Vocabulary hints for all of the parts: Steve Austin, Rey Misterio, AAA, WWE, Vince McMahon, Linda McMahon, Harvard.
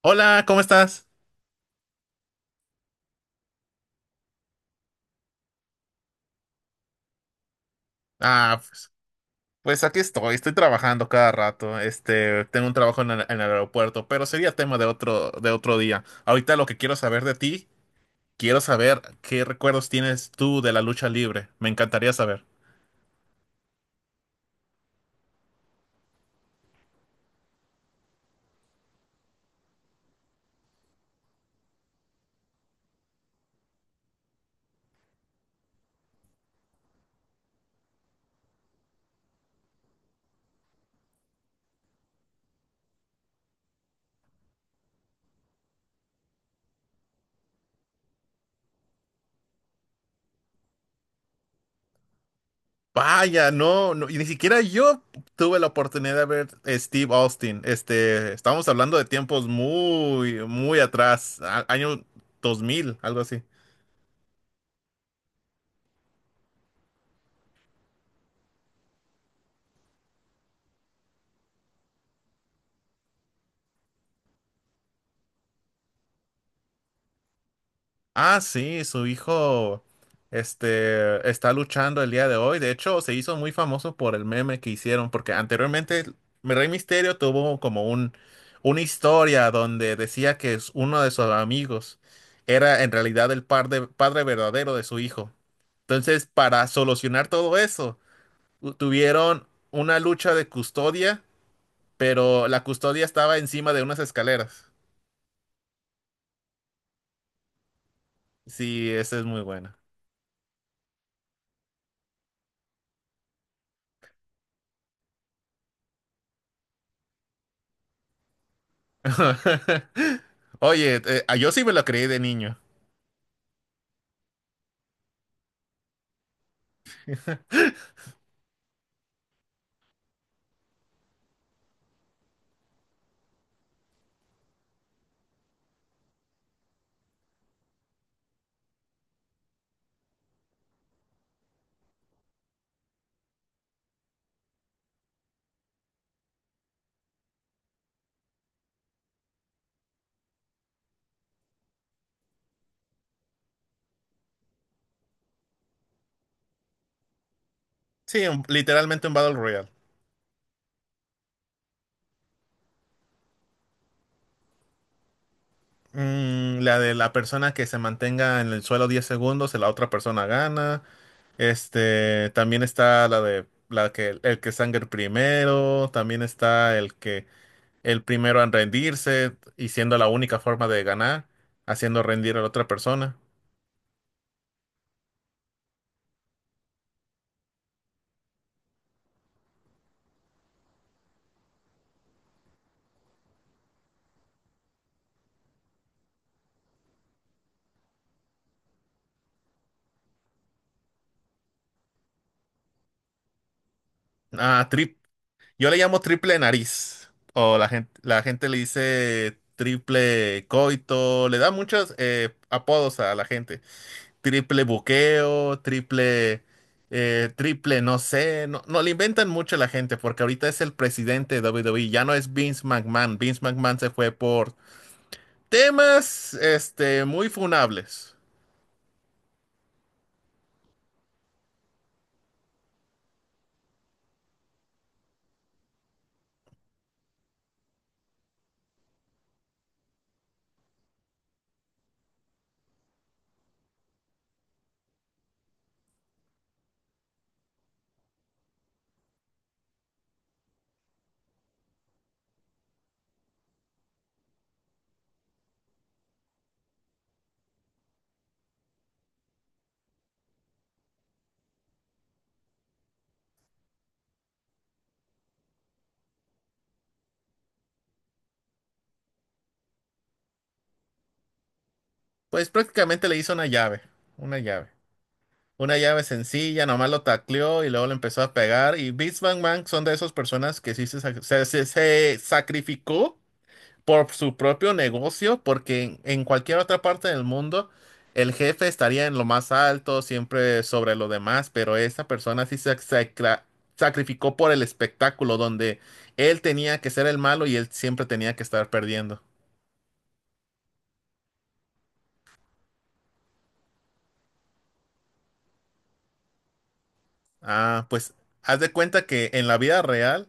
Hola, ¿cómo estás? Ah, pues, aquí estoy, estoy trabajando cada rato. Este, tengo un trabajo en el aeropuerto, pero sería tema de otro día. Ahorita lo que quiero saber de ti, quiero saber qué recuerdos tienes tú de la lucha libre. Me encantaría saber. Vaya, no, no, y ni siquiera yo tuve la oportunidad de ver Steve Austin. Este, estamos hablando de tiempos muy, muy atrás, año 2000, algo así. Ah, sí, su hijo este, está luchando el día de hoy. De hecho, se hizo muy famoso por el meme que hicieron, porque anteriormente Rey Misterio tuvo como una historia donde decía que es uno de sus amigos era en realidad el padre verdadero de su hijo. Entonces, para solucionar todo eso, tuvieron una lucha de custodia, pero la custodia estaba encima de unas escaleras. Sí, esa es muy buena. Oye, yo sí me lo creí de niño. Sí, literalmente un Battle Royale. Mm, la de la persona que se mantenga en el suelo 10 segundos, la otra persona gana. Este, también está la de la que el que sangre primero, también está el que el primero en rendirse y siendo la única forma de ganar, haciendo rendir a la otra persona. Ah, yo le llamo triple nariz. O la gente le dice triple coito. Le da muchos apodos a la gente. Triple buqueo, triple no sé. No, no, le inventan mucho a la gente porque ahorita es el presidente de WWE. Ya no es Vince McMahon. Vince McMahon se fue por temas este, muy funables. Pues prácticamente le hizo una llave. Una llave. Una llave sencilla, nomás lo tacleó y luego le empezó a pegar. Y Vince McMahon son de esas personas que sí se, sacrificó por su propio negocio, porque en cualquier otra parte del mundo el jefe estaría en lo más alto, siempre sobre lo demás, pero esta persona sí se sacrificó por el espectáculo, donde él tenía que ser el malo y él siempre tenía que estar perdiendo. Ah, pues haz de cuenta que en la vida real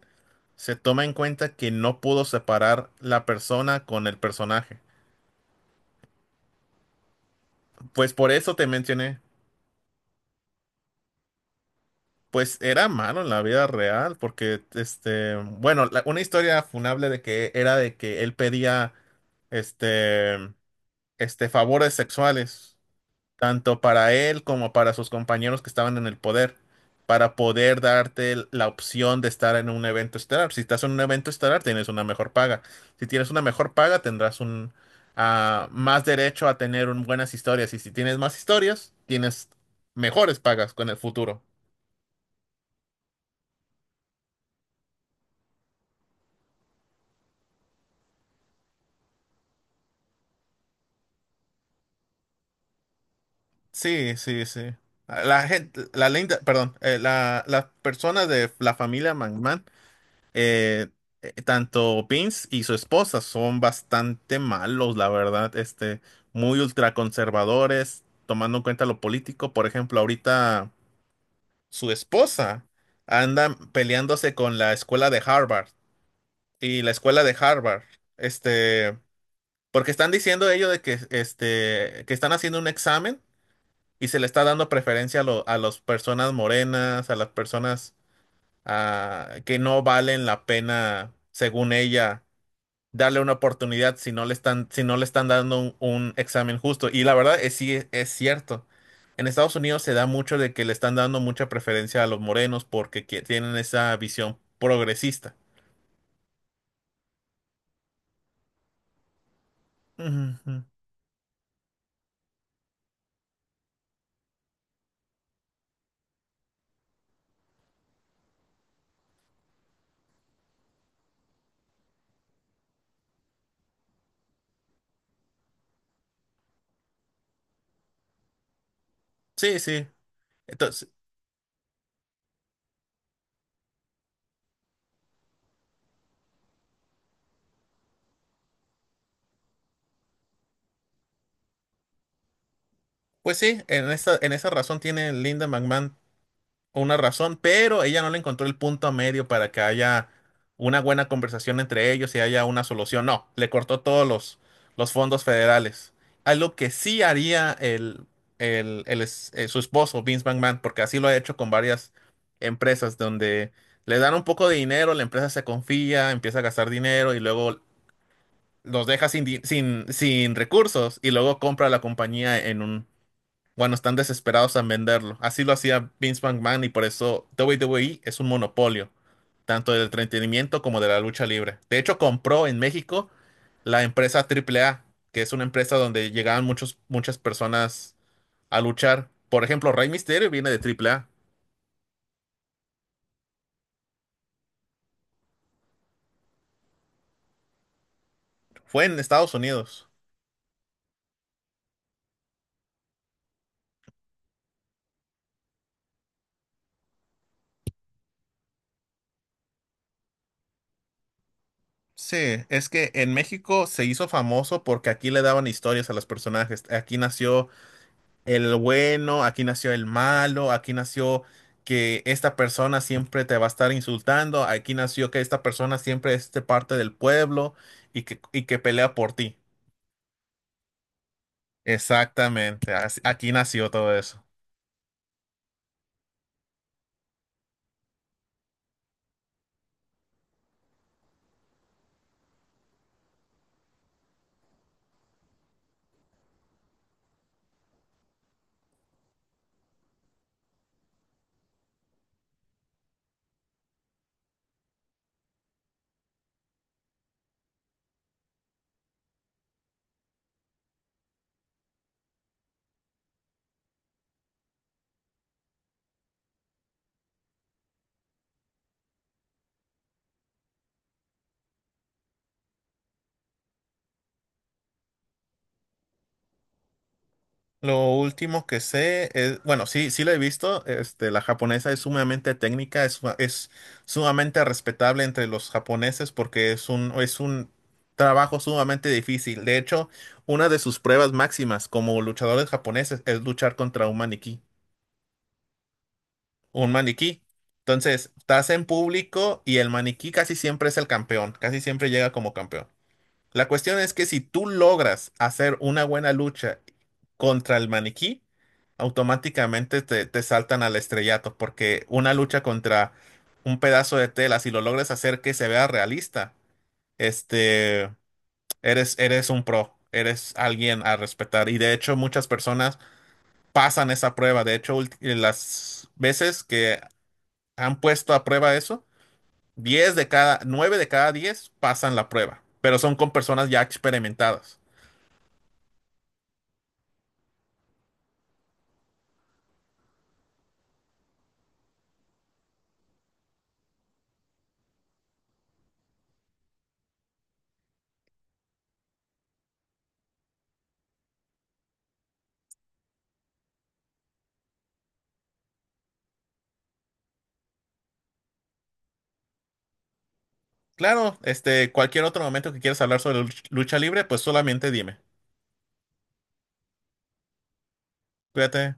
se toma en cuenta que no pudo separar la persona con el personaje. Pues por eso te mencioné. Pues era malo en la vida real, porque este, bueno, una historia funable de que era de que él pedía este, este, favores sexuales, tanto para él como para sus compañeros que estaban en el poder, para poder darte la opción de estar en un evento estelar. Si estás en un evento estelar, tienes una mejor paga. Si tienes una mejor paga, tendrás un ah, más derecho a tener buenas historias. Y si tienes más historias, tienes mejores pagas con el futuro. Sí, sí, sí. La gente, la linda, perdón, la, las personas de la familia McMahon, eh, tanto Vince y su esposa son bastante malos, la verdad, este, muy ultraconservadores, tomando en cuenta lo político. Por ejemplo, ahorita su esposa anda peleándose con la escuela de Harvard y la escuela de Harvard, este, porque están diciendo ellos de que, este, que están haciendo un examen y se le está dando preferencia a, a las personas morenas, a las personas ah, que no valen la pena, según ella, darle una oportunidad si no le están, si no le están dando un examen justo. Y la verdad es sí es cierto. En Estados Unidos se da mucho de que le están dando mucha preferencia a los morenos porque que- tienen esa visión progresista. Ujú, ujú. Sí, sí. Entonces, pues sí, en esa razón tiene Linda McMahon una razón, pero ella no le encontró el punto medio para que haya una buena conversación entre ellos y haya una solución. No, le cortó todos los fondos federales. Algo que sí haría el, su esposo, Vince McMahon, porque así lo ha hecho con varias empresas donde le dan un poco de dinero, la empresa se confía, empieza a gastar dinero y luego los deja sin, sin, sin recursos y luego compra la compañía, bueno, están desesperados en venderlo. Así lo hacía Vince McMahon y por eso WWE es un monopolio, tanto del entretenimiento como de la lucha libre. De hecho, compró en México la empresa AAA, que es una empresa donde llegaban muchos, muchas personas a luchar. Por ejemplo, Rey Mysterio viene de AAA. Fue en Estados Unidos. Sí, es que en México se hizo famoso porque aquí le daban historias a los personajes. Aquí nació el bueno, aquí nació el malo, aquí nació que esta persona siempre te va a estar insultando, aquí nació que esta persona siempre es de parte del pueblo y que pelea por ti. Exactamente, así- aquí nació todo eso. Lo último que sé es, bueno, sí, sí la he visto, este, la japonesa es sumamente técnica, es, es sumamente respetable entre los japoneses porque es un trabajo sumamente difícil. De hecho, una de sus pruebas máximas como luchadores japoneses es luchar contra un maniquí, un maniquí. Entonces, estás en público y el maniquí casi siempre es el campeón, casi siempre llega como campeón. La cuestión es que si tú logras hacer una buena lucha contra el maniquí, automáticamente te, te saltan al estrellato, porque una lucha contra un pedazo de tela, si lo logras hacer que se vea realista, este, eres, eres un pro, eres alguien a respetar. Y de hecho, muchas personas pasan esa prueba. De hecho, las veces que han puesto a prueba eso, 9 de cada 10 pasan la prueba, pero son con personas ya experimentadas. Claro, este, cualquier otro momento que quieras hablar sobre lucha libre, pues solamente dime. Cuídate.